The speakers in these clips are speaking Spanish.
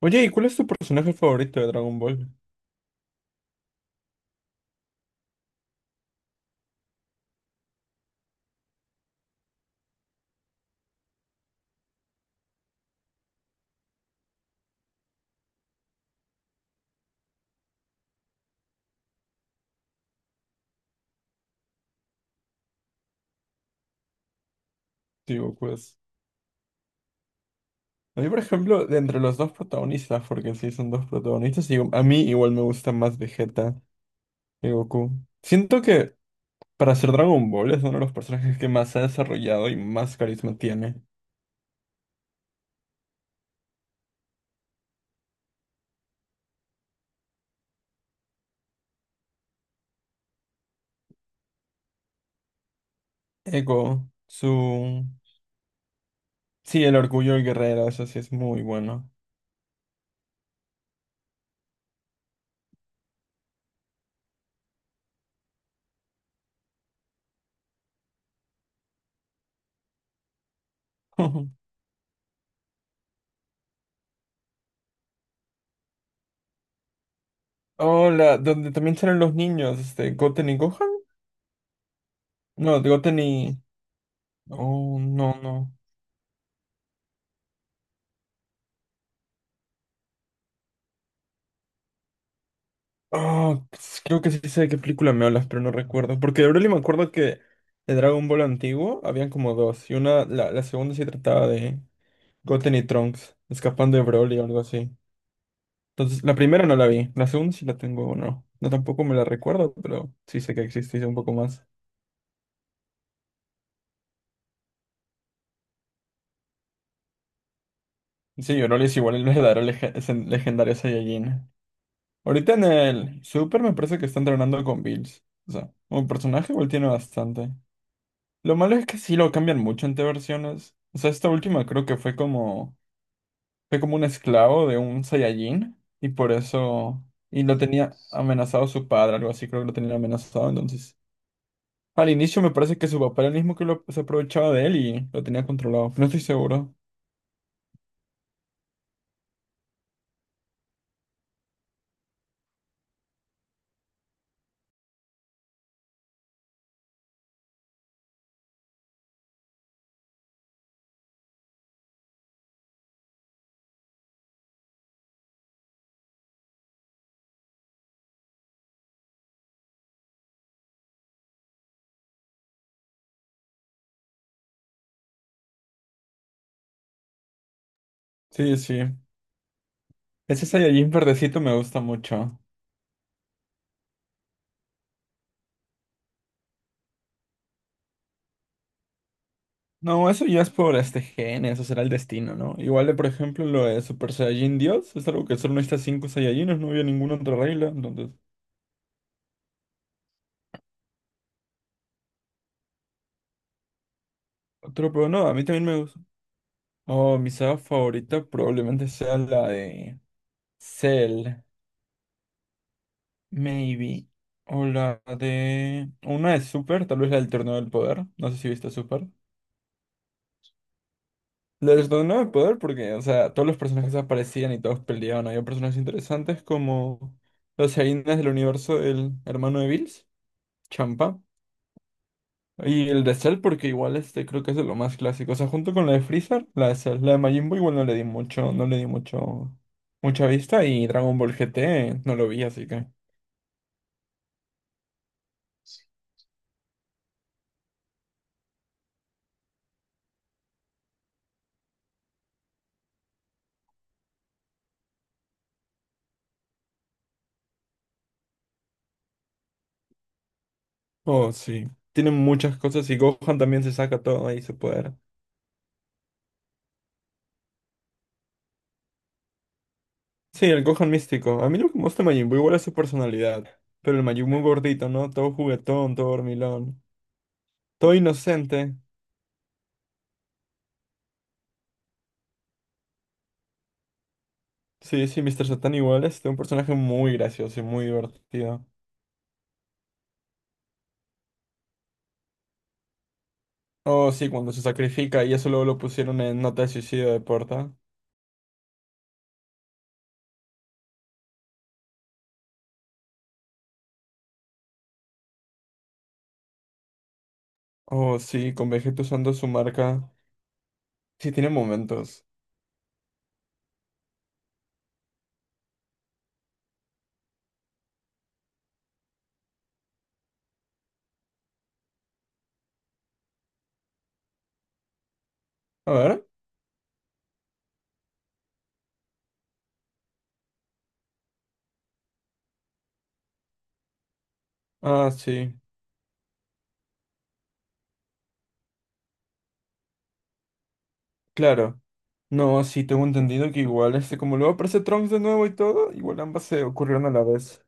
Oye, ¿y cuál es tu personaje favorito de Dragon Ball? Digo, pues. A mí, por ejemplo, de entre los dos protagonistas, porque sí son dos protagonistas, digo, a mí igual me gusta más Vegeta que Goku. Siento que para ser Dragon Ball es uno de los personajes que más se ha desarrollado y más carisma tiene. Ego, su. Sí, el orgullo del guerrero, eso sí es muy bueno. Hola, ¿donde también salen los niños, Goten y Gohan? No, Goten y. Oh, no, no. Ah, pues, creo que sí sé de qué película me hablas, pero no recuerdo. Porque de Broly me acuerdo que de Dragon Ball antiguo habían como dos. Y una, la segunda sí trataba de Goten y Trunks escapando de Broly o algo así. Entonces, la primera no la vi. La segunda sí la tengo o no. No tampoco me la recuerdo, pero sí sé que existe y sé un poco más. Sí, Broly es igual el verdadero es el legendario Saiyajin. Ahorita en el Super me parece que está entrenando con Bills. O sea, un personaje igual tiene bastante. Lo malo es que sí lo cambian mucho entre versiones. O sea, esta última creo que fue como un esclavo de un Saiyajin y por eso, y lo tenía amenazado su padre, algo así, creo que lo tenía amenazado. Entonces, al inicio me parece que su papá era el mismo que lo, se aprovechaba de él y lo tenía controlado. No estoy seguro. Sí, sí. Ese Saiyajin verdecito me gusta mucho. No, eso ya es por este gen, eso será el destino, ¿no? Igual de, por ejemplo, lo de Super Saiyajin Dios, es algo que solo necesitas 5 Saiyajines, no había ninguna otra regla, entonces. Otro, pero no, a mí también me gusta. Oh, mi saga favorita probablemente sea la de Cell, maybe. O la de. Una de Super, tal vez la del Torneo del Poder. ¿No sé si viste Super? La del Torneo del Poder porque, o sea, todos los personajes aparecían y todos peleaban. Había personajes interesantes como los Hyenas del universo del hermano de Bills, Champa. Y el de Cell, porque igual este creo que es de lo más clásico. O sea, junto con la de Freezer, la de Cell, la de Majin Buu igual no le di mucha vista. Y Dragon Ball GT no lo vi, así que. Oh, sí. Tienen muchas cosas y Gohan también se saca todo ahí su poder. Sí, el Gohan místico. A mí lo que me gusta de Majin Buu igual es su personalidad. Pero el Majin Buu gordito, ¿no? Todo juguetón, todo dormilón. Todo inocente. Sí, sí, Mr. Satan igual es un personaje muy gracioso y muy divertido. Oh, sí, cuando se sacrifica y eso luego lo pusieron en Nota de Suicidio de Porta. Oh, sí, con Vegeta usando su marca. Sí, tiene momentos. A ver. Ah, sí, claro. No, sí, tengo entendido que igual, como luego aparece Trunks de nuevo y todo, igual ambas se ocurrieron a la vez.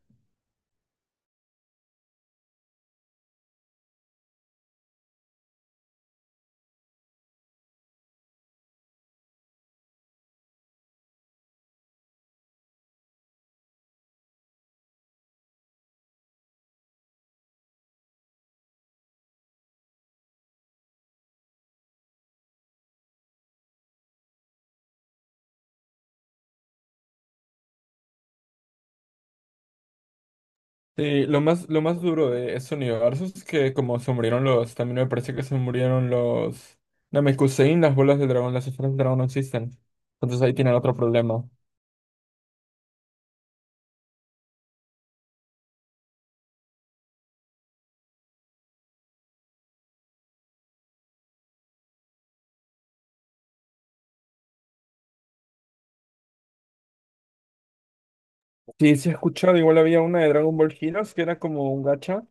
Sí, lo más duro de ese universo es que como se murieron los, también me parece que se murieron los Namekusein, las bolas de dragón, las esferas de dragón no existen. Entonces ahí tienen otro problema. Sí, sí he escuchado, igual había una de Dragon Ball Heroes que era como un gacha.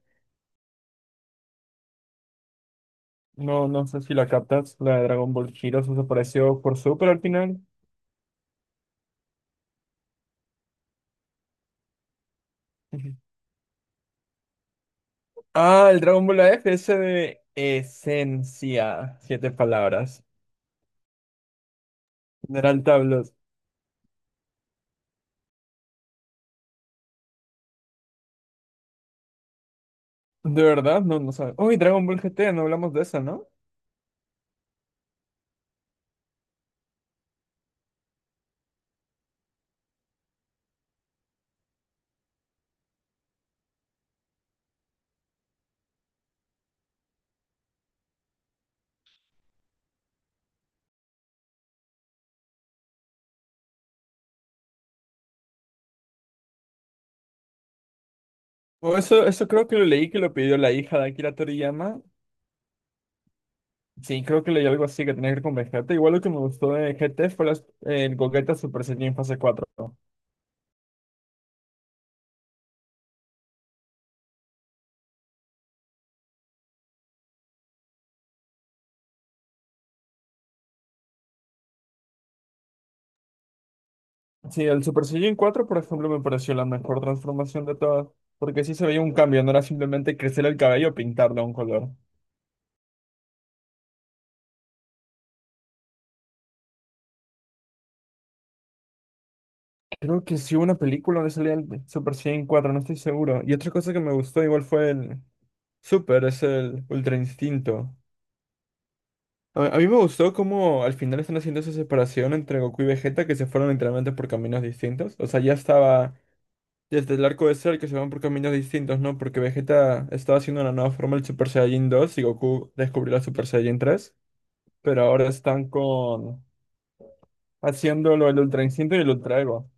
No, no sé si la captas, la de Dragon Ball Heroes desapareció por Super al final. Ujú. Ah, el Dragon Ball AF, ese de esencia, siete palabras. General Tablos. De verdad, no, no sabes. Uy, Dragon Ball GT, no hablamos de eso, ¿no? O eso creo que lo leí que lo pidió la hija de Akira Toriyama. Sí, creo que leí algo así que tenía que ver con Vegeta. Igual lo que me gustó de GT fue el Gogeta Super Saiyan fase cuatro. Sí, el Super Saiyan 4, por ejemplo, me pareció la mejor transformación de todas, porque sí se veía un cambio, no era simplemente crecer el cabello o pintarlo a un color. Creo que sí hubo una película donde salía el Super Saiyan 4, no estoy seguro. Y otra cosa que me gustó igual fue es el Ultra Instinto. A mí me gustó cómo al final están haciendo esa separación entre Goku y Vegeta, que se fueron literalmente por caminos distintos. O sea, ya estaba desde el arco de Cell que se van por caminos distintos, ¿no? Porque Vegeta estaba haciendo una nueva forma del Super Saiyan 2 y Goku descubrió la Super Saiyan 3. Pero ahora están con haciéndolo el Ultra Instinto y el Ultra Ego.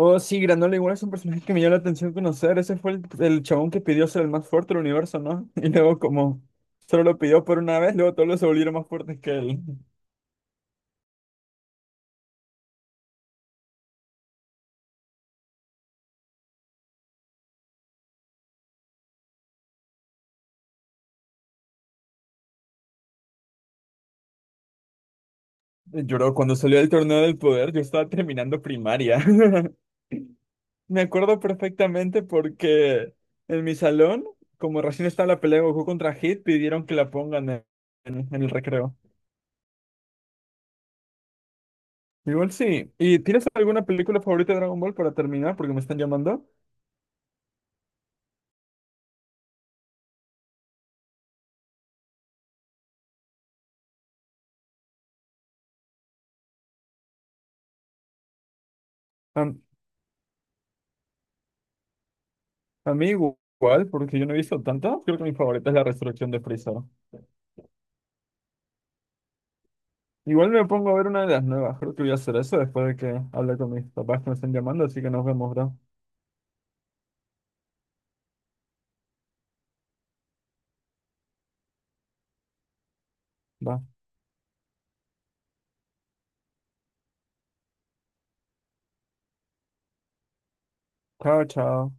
Oh, sí, Granola igual es un personaje que me llamó la atención conocer. Ese fue el chabón que pidió ser el más fuerte del universo, ¿no? Y luego como solo lo pidió por una vez, luego todos los se volvieron más fuertes que él. Lloró cuando salió del torneo del poder, yo estaba terminando primaria. Me acuerdo perfectamente porque en mi salón, como recién estaba la pelea de Goku contra Hit, pidieron que la pongan en el recreo. Igual sí. ¿Y tienes alguna película favorita de Dragon Ball para terminar? Porque me están llamando. Am- A, mí igual, porque yo no he visto tanto. Creo que mi favorita es la resurrección de Freezer. Igual me pongo a ver una de las nuevas. Creo que voy a hacer eso después de que hable con mis papás que me están llamando. Así que nos vemos, bro. Va. Chao, chao.